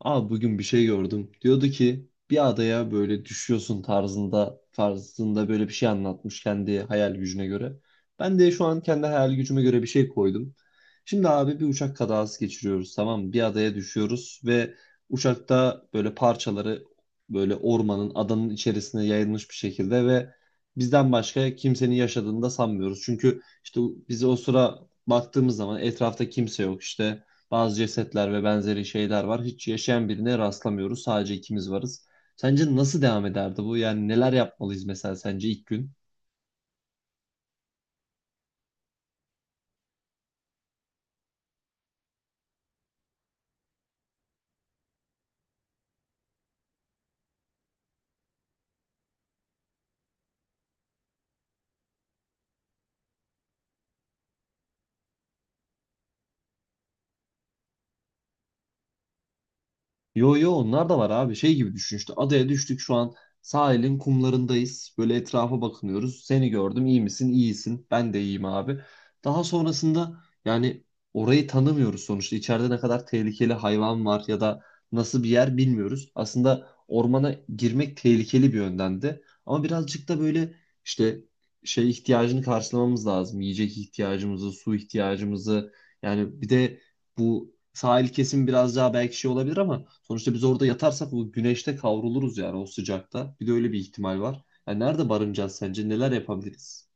Bugün bir şey gördüm. Diyordu ki bir adaya böyle düşüyorsun tarzında böyle bir şey anlatmış kendi hayal gücüne göre. Ben de şu an kendi hayal gücüme göre bir şey koydum. Şimdi abi bir uçak kazası geçiriyoruz, tamam mı? Bir adaya düşüyoruz ve uçakta böyle parçaları böyle ormanın adanın içerisine yayılmış bir şekilde ve bizden başka kimsenin yaşadığını da sanmıyoruz. Çünkü işte biz o sıra baktığımız zaman etrafta kimse yok işte. Bazı cesetler ve benzeri şeyler var. Hiç yaşayan birine rastlamıyoruz. Sadece ikimiz varız. Sence nasıl devam ederdi bu? Yani neler yapmalıyız mesela sence ilk gün? Yo yo, onlar da var abi. Şey gibi düşün, işte adaya düştük şu an sahilin kumlarındayız. Böyle etrafa bakınıyoruz. Seni gördüm, iyi misin? İyisin. Ben de iyiyim abi. Daha sonrasında yani orayı tanımıyoruz sonuçta. İçeride ne kadar tehlikeli hayvan var ya da nasıl bir yer bilmiyoruz. Aslında ormana girmek tehlikeli bir yönden de. Ama birazcık da böyle işte şey ihtiyacını karşılamamız lazım. Yiyecek ihtiyacımızı, su ihtiyacımızı, yani bir de bu sahil kesim biraz daha belki şey olabilir ama sonuçta biz orada yatarsak o güneşte kavruluruz yani, o sıcakta. Bir de öyle bir ihtimal var. Yani nerede barınacağız sence? Neler yapabiliriz?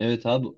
Evet abi.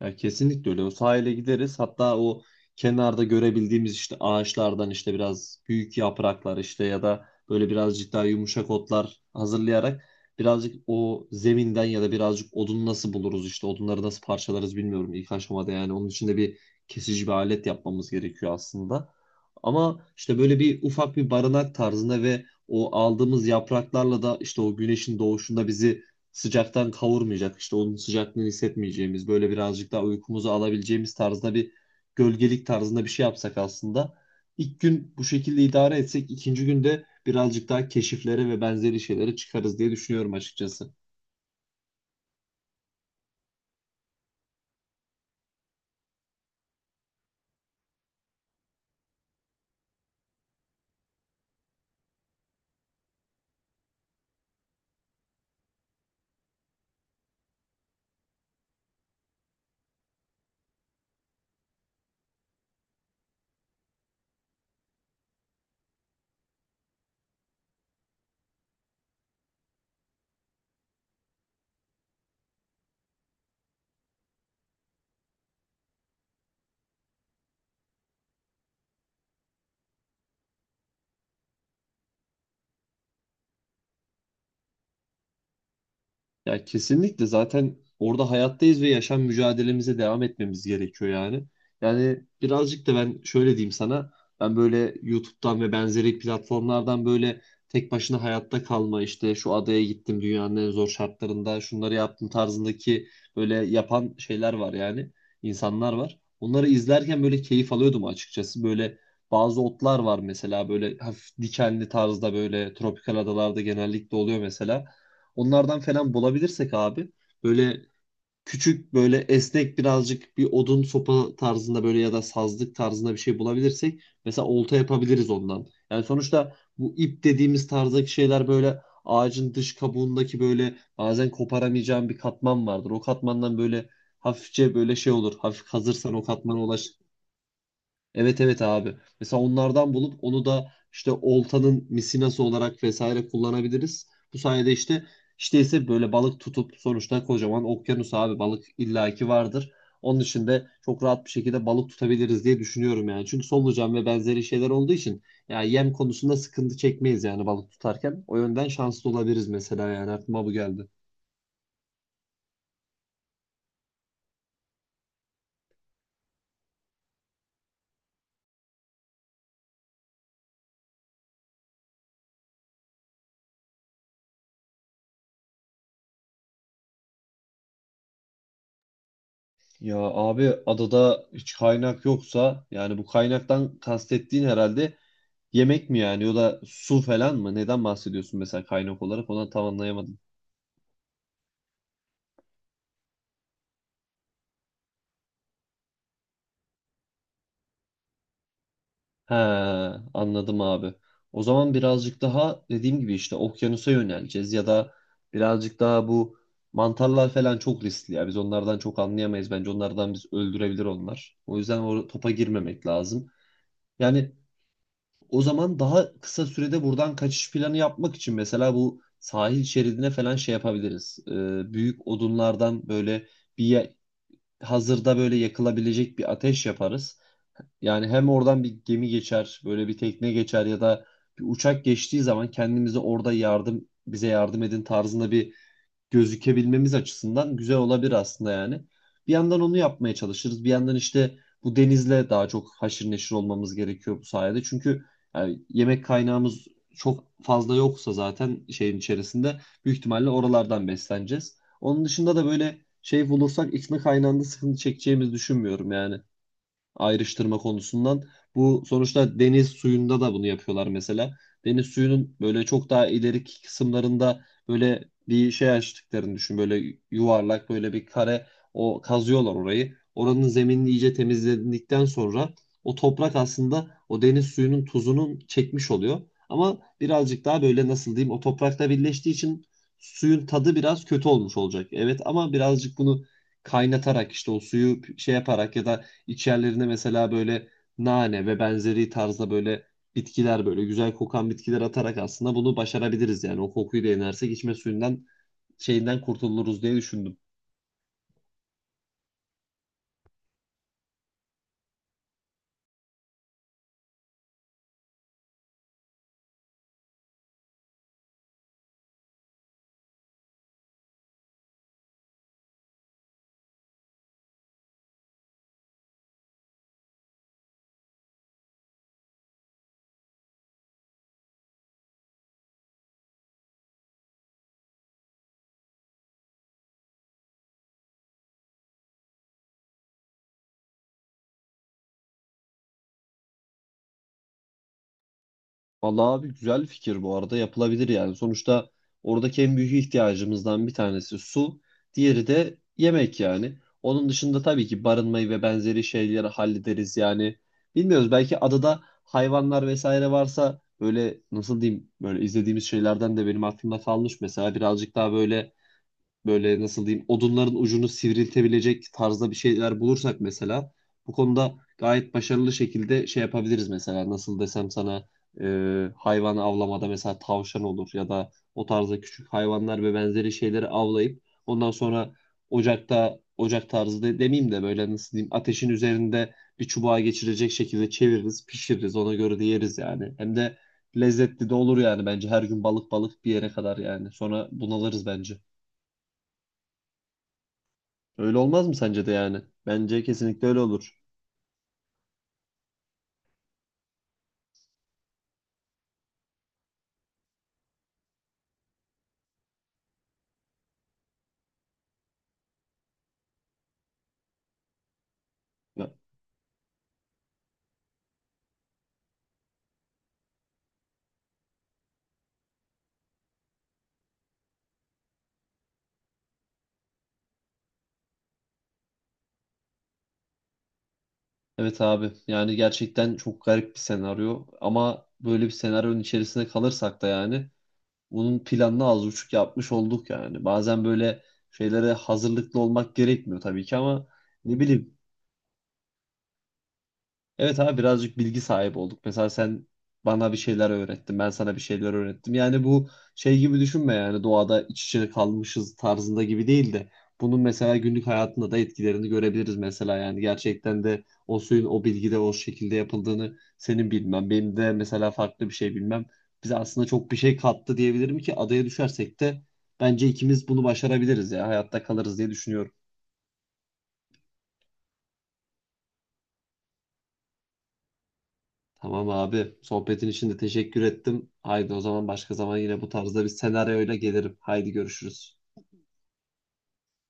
Ya kesinlikle öyle. O sahile gideriz. Hatta o kenarda görebildiğimiz işte ağaçlardan işte biraz büyük yapraklar, işte ya da böyle birazcık daha yumuşak otlar hazırlayarak birazcık o zeminden ya da birazcık odun nasıl buluruz, işte odunları nasıl parçalarız bilmiyorum ilk aşamada, yani onun için de bir kesici bir alet yapmamız gerekiyor aslında. Ama işte böyle bir ufak bir barınak tarzında ve o aldığımız yapraklarla da işte o güneşin doğuşunda bizi sıcaktan kavurmayacak, işte onun sıcaklığını hissetmeyeceğimiz böyle birazcık daha uykumuzu alabileceğimiz tarzda bir gölgelik tarzında bir şey yapsak aslında, ilk gün bu şekilde idare etsek, ikinci günde birazcık daha keşiflere ve benzeri şeylere çıkarız diye düşünüyorum açıkçası. Ya kesinlikle, zaten orada hayattayız ve yaşam mücadelemize devam etmemiz gerekiyor yani. Yani birazcık da ben şöyle diyeyim sana. Ben böyle YouTube'dan ve benzeri platformlardan böyle tek başına hayatta kalma, işte şu adaya gittim, dünyanın en zor şartlarında şunları yaptım tarzındaki böyle yapan şeyler var yani. İnsanlar var. Onları izlerken böyle keyif alıyordum açıkçası. Böyle bazı otlar var mesela, böyle hafif dikenli tarzda, böyle tropikal adalarda genellikle oluyor mesela. Onlardan falan bulabilirsek abi, böyle küçük böyle esnek birazcık bir odun sopa tarzında böyle, ya da sazlık tarzında bir şey bulabilirsek mesela olta yapabiliriz ondan. Yani sonuçta bu ip dediğimiz tarzdaki şeyler böyle ağacın dış kabuğundaki böyle bazen koparamayacağın bir katman vardır. O katmandan böyle hafifçe böyle şey olur. Hafif hazırsan o katmana. Evet abi. Mesela onlardan bulup onu da işte oltanın misinası olarak vesaire kullanabiliriz. Bu sayede işte, ise böyle balık tutup, sonuçta kocaman okyanus abi, balık illaki vardır. Onun için de çok rahat bir şekilde balık tutabiliriz diye düşünüyorum yani. Çünkü solucan ve benzeri şeyler olduğu için yani yem konusunda sıkıntı çekmeyiz yani balık tutarken. O yönden şanslı olabiliriz mesela, yani aklıma bu geldi. Ya abi adada hiç kaynak yoksa, yani bu kaynaktan kastettiğin herhalde yemek mi yani, ya da su falan mı? Neden bahsediyorsun mesela kaynak olarak? Ona tam anlayamadım. He, anladım abi. O zaman birazcık daha dediğim gibi işte okyanusa yöneleceğiz ya da birazcık daha bu mantarlar falan çok riskli ya. Biz onlardan çok anlayamayız. Bence onlardan biz, öldürebilir onlar. O yüzden o topa girmemek lazım. Yani o zaman daha kısa sürede buradan kaçış planı yapmak için mesela bu sahil şeridine falan şey yapabiliriz. Büyük odunlardan böyle bir hazırda böyle yakılabilecek bir ateş yaparız. Yani hem oradan bir gemi geçer, böyle bir tekne geçer ya da bir uçak geçtiği zaman kendimize orada yardım, bize yardım edin tarzında bir gözükebilmemiz açısından güzel olabilir aslında yani. Bir yandan onu yapmaya çalışırız. Bir yandan işte bu denizle daha çok haşır neşir olmamız gerekiyor bu sayede. Çünkü yani yemek kaynağımız çok fazla yoksa zaten şeyin içerisinde büyük ihtimalle oralardan besleneceğiz. Onun dışında da böyle şey bulursak içme kaynağında sıkıntı çekeceğimizi düşünmüyorum yani, ayrıştırma konusundan. Bu sonuçta deniz suyunda da bunu yapıyorlar mesela. Deniz suyunun böyle çok daha ileriki kısımlarında böyle bir şey açtıklarını düşün. Böyle yuvarlak, böyle bir kare, o kazıyorlar orayı. Oranın zeminini iyice temizledikten sonra o toprak aslında o deniz suyunun tuzunun çekmiş oluyor. Ama birazcık daha böyle nasıl diyeyim, o toprakla birleştiği için suyun tadı biraz kötü olmuş olacak. Evet ama birazcık bunu kaynatarak işte o suyu şey yaparak ya da İçerilerine mesela böyle nane ve benzeri tarzda böyle bitkiler, böyle güzel kokan bitkiler atarak aslında bunu başarabiliriz yani. O kokuyu da inersek içme suyundan, şeyinden kurtuluruz diye düşündüm. Vallahi abi güzel fikir, bu arada yapılabilir yani. Sonuçta oradaki en büyük ihtiyacımızdan bir tanesi su, diğeri de yemek yani. Onun dışında tabii ki barınmayı ve benzeri şeyleri hallederiz yani. Bilmiyoruz, belki adada hayvanlar vesaire varsa, böyle nasıl diyeyim, böyle izlediğimiz şeylerden de benim aklımda kalmış mesela, birazcık daha böyle nasıl diyeyim odunların ucunu sivriltebilecek tarzda bir şeyler bulursak mesela bu konuda gayet başarılı şekilde şey yapabiliriz mesela, nasıl desem sana, e, hayvan avlamada mesela tavşan olur ya da o tarzda küçük hayvanlar ve benzeri şeyleri avlayıp ondan sonra ocakta, ocak tarzı demeyeyim de, böyle nasıl diyeyim ateşin üzerinde bir çubuğa geçirecek şekilde çeviririz, pişiririz, ona göre de yeriz yani, hem de lezzetli de olur yani. Bence her gün balık balık bir yere kadar yani, sonra bunalırız bence. Öyle olmaz mı sence de yani? Bence kesinlikle öyle olur. Ya- Evet abi, yani gerçekten çok garip bir senaryo ama böyle bir senaryonun içerisinde kalırsak da yani bunun planını az buçuk yapmış olduk yani. Bazen böyle şeylere hazırlıklı olmak gerekmiyor tabii ki ama ne bileyim. Evet abi, birazcık bilgi sahibi olduk. Mesela sen bana bir şeyler öğrettin, ben sana bir şeyler öğrettim. Yani bu şey gibi düşünme, yani doğada iç içe kalmışız tarzında gibi değil de, bunun mesela günlük hayatında da etkilerini görebiliriz mesela, yani gerçekten de o suyun o bilgide o şekilde yapıldığını senin bilmem, benim de mesela farklı bir şey bilmem bize aslında çok bir şey kattı, diyebilirim ki adaya düşersek de bence ikimiz bunu başarabiliriz ya, hayatta kalırız diye düşünüyorum. Tamam abi. Sohbetin için de teşekkür ettim. Haydi, o zaman başka zaman yine bu tarzda bir senaryoyla gelirim. Haydi görüşürüz.